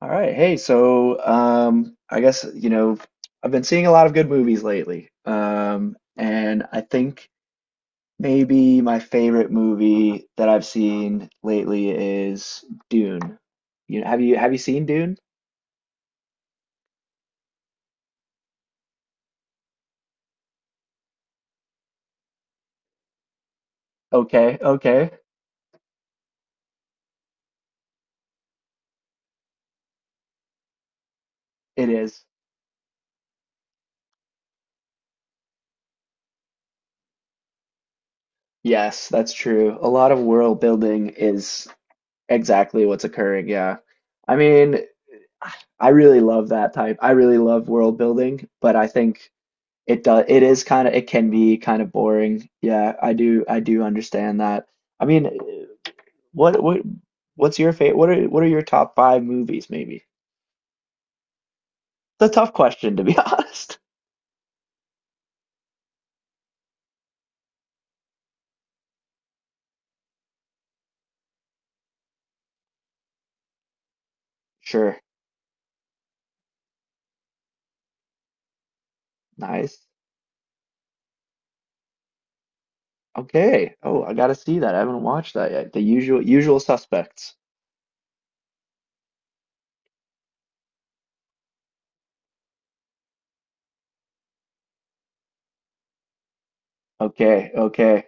All right. Hey, so I guess, I've been seeing a lot of good movies lately. And I think maybe my favorite movie that I've seen lately is Dune. Have you seen Dune? Okay, okay. It is. Yes, that's true. A lot of world building is exactly what's occurring, yeah. I mean, I really love that type. I really love world building, but I think it does, it is kind of, it can be kind of boring. Yeah, I do understand that. I mean, what, what, what's your favorite, what are your top five movies, maybe? It's a tough question, to be honest. Sure. Nice. Okay. Oh, I gotta see that. I haven't watched that yet. The usual suspects. Okay, okay.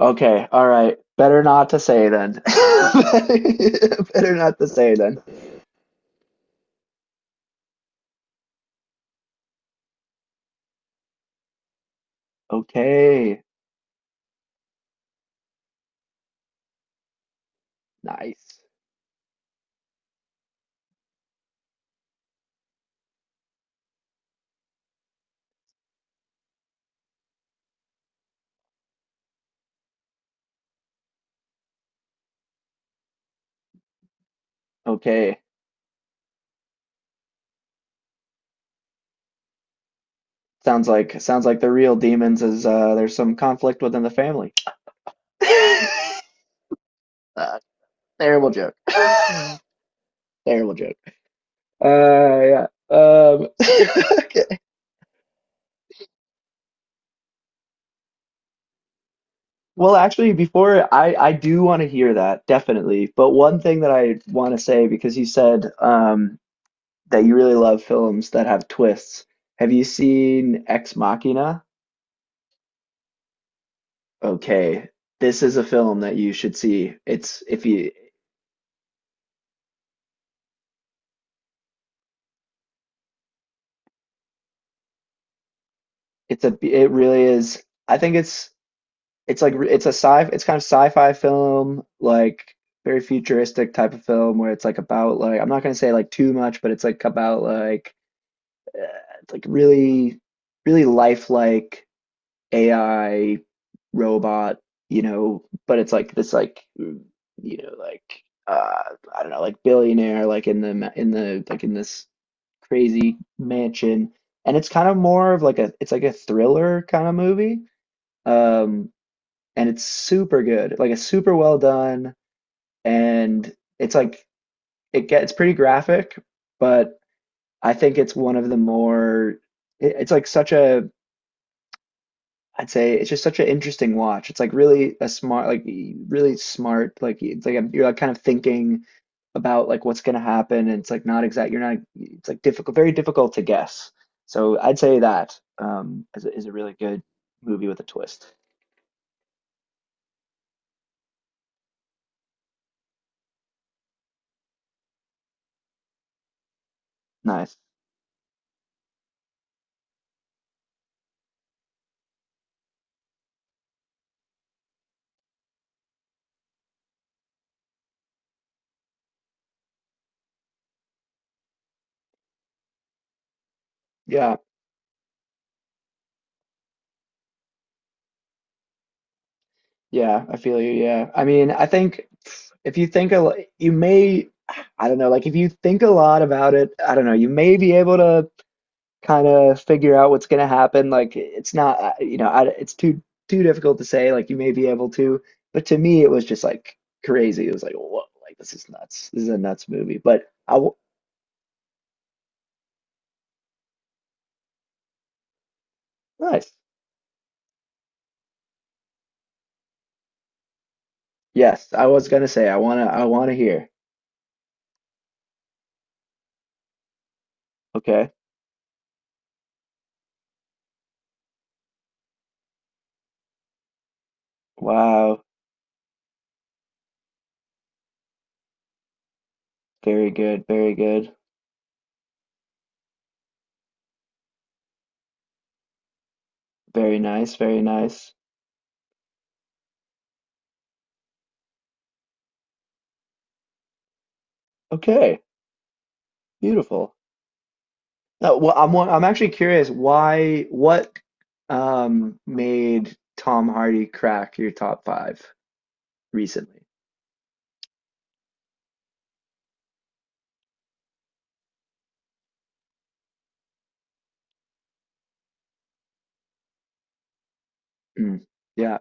Okay. All right. Better not to say then. Better not to say then. Okay. Nice. Okay. Sounds like the real demons is, there's some conflict within the family. uh, Terrible joke. Terrible joke. Yeah. Okay. Well, actually, before I do want to hear that, definitely, but one thing that I want to say because you said that you really love films that have twists. Have you seen Ex Machina? Okay, this is a film that you should see. It's, if you, it's a, it really is. I think it's like it's kind of sci-fi film, like very futuristic type of film where it's like about, like, I'm not gonna say like too much, but it's like about, like, it's like really really lifelike AI robot, but it's like this, like, know like uh I don't know, like, billionaire like in the, like, in this crazy mansion, and it's kind of more of like a, it's like a thriller kind of movie. Um, and it's super good. Like, it's super well done, and it's like it gets pretty graphic, but I think it's one of the more, it, it's like such a, I'd say it's just such an interesting watch. It's like really a smart, like, really smart, like, it's like you're like kind of thinking about like what's going to happen, and it's like not exact, you're not, it's like difficult, very difficult to guess. So I'd say that is a really good movie with a twist. Nice. Yeah. Yeah, I feel you. Yeah. I mean, I think if you think a lot, you may, I don't know, like if you think a lot about it, I don't know, you may be able to kind of figure out what's going to happen. Like, it's not, I, it's too difficult to say. Like, you may be able to, but to me, it was just like crazy. It was like, whoa, like, this is nuts. This is a nuts movie. But I, nice. Yes, I was gonna say I wanna hear. Okay. Wow. Very good. Very good. Very nice. Very nice. Okay. Beautiful. Well, I'm actually curious why what made Tom Hardy crack your top five recently? Mm. Yeah.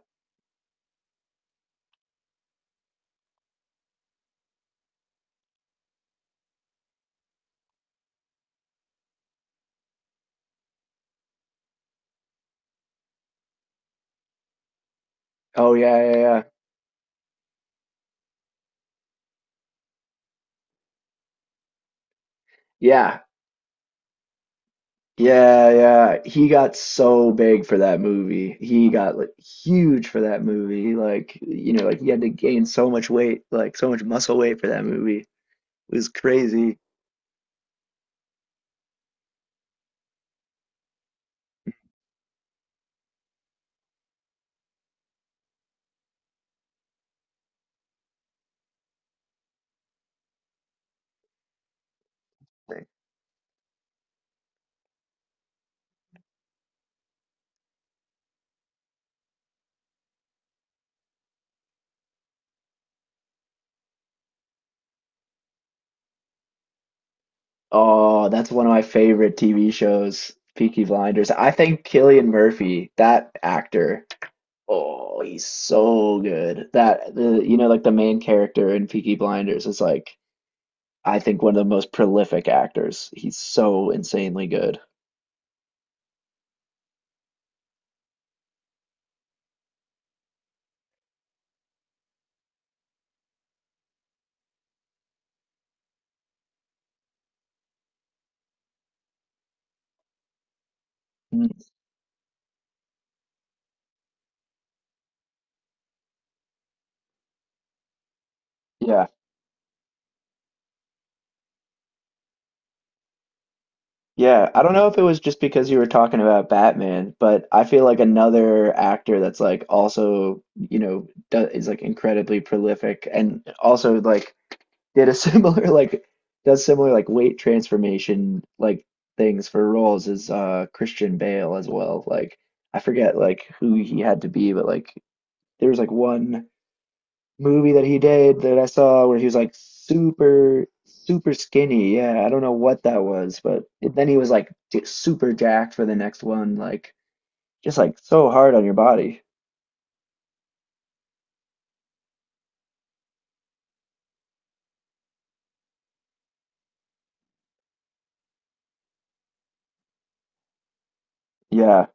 Oh yeah, yeah, yeah. Yeah. Yeah, yeah. He got so big for that movie. He got like huge for that movie. Like, you know, like he had to gain so much weight, like so much muscle weight for that movie. It was crazy. Oh, that's one of my favorite TV shows, Peaky Blinders. I think Cillian Murphy, that actor, oh, he's so good. That, the, you know, like, the main character in Peaky Blinders is, like, I think one of the most prolific actors. He's so insanely good. Mm. Yeah. Yeah, I don't know if it was just because you were talking about Batman, but I feel like another actor that's like also, you know, do, is like incredibly prolific and also like did a similar like does similar like weight transformation like things for roles is Christian Bale as well. Like, I forget like who he had to be, but like there was like one movie that he did that I saw where he was like super, super skinny. Yeah, I don't know what that was, but it, then he was like super jacked for the next one, like just like so hard on your body. Yeah,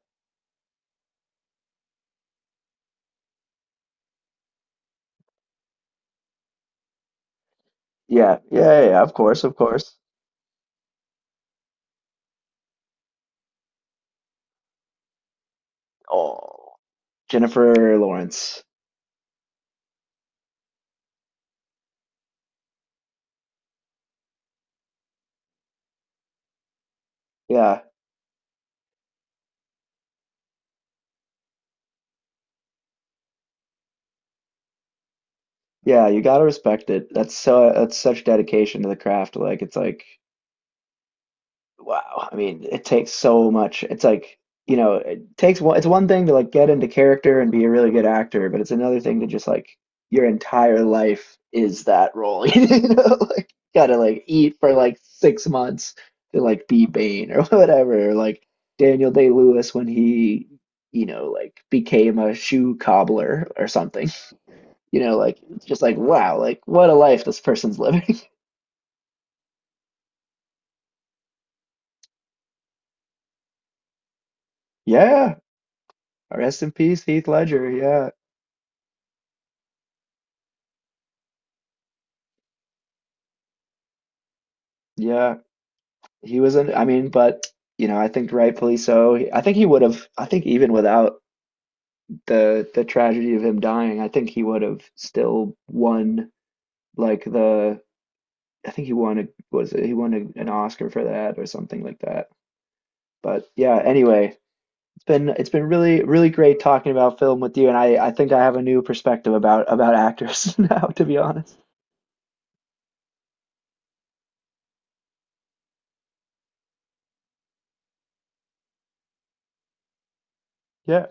yeah, yeah, yeah, yeah, of course, of course. Oh, Jennifer Lawrence. Yeah, yeah, you gotta respect it. That's such dedication to the craft. Like, it's like, wow. I mean, it takes so much. It's like, you know, it takes one, it's one thing to like get into character and be a really good actor, but it's another thing to just like your entire life is that role. Like gotta like eat for like 6 months to like be Bane or whatever, or like Daniel Day-Lewis when he, you know, like became a shoe cobbler or something. Like it's just like wow, like what a life this person's living. Yeah. Rest in peace, Heath Ledger. Yeah. Yeah. He was in, I mean, but you know, I think rightfully so. I think he would have, I think even without the tragedy of him dying, I think he would have still won like the, I think he won a, was it, he won a, an Oscar for that or something like that. But yeah, anyway, it's been really really great talking about film with you, and I think I have a new perspective about actors now, to be honest. Yeah.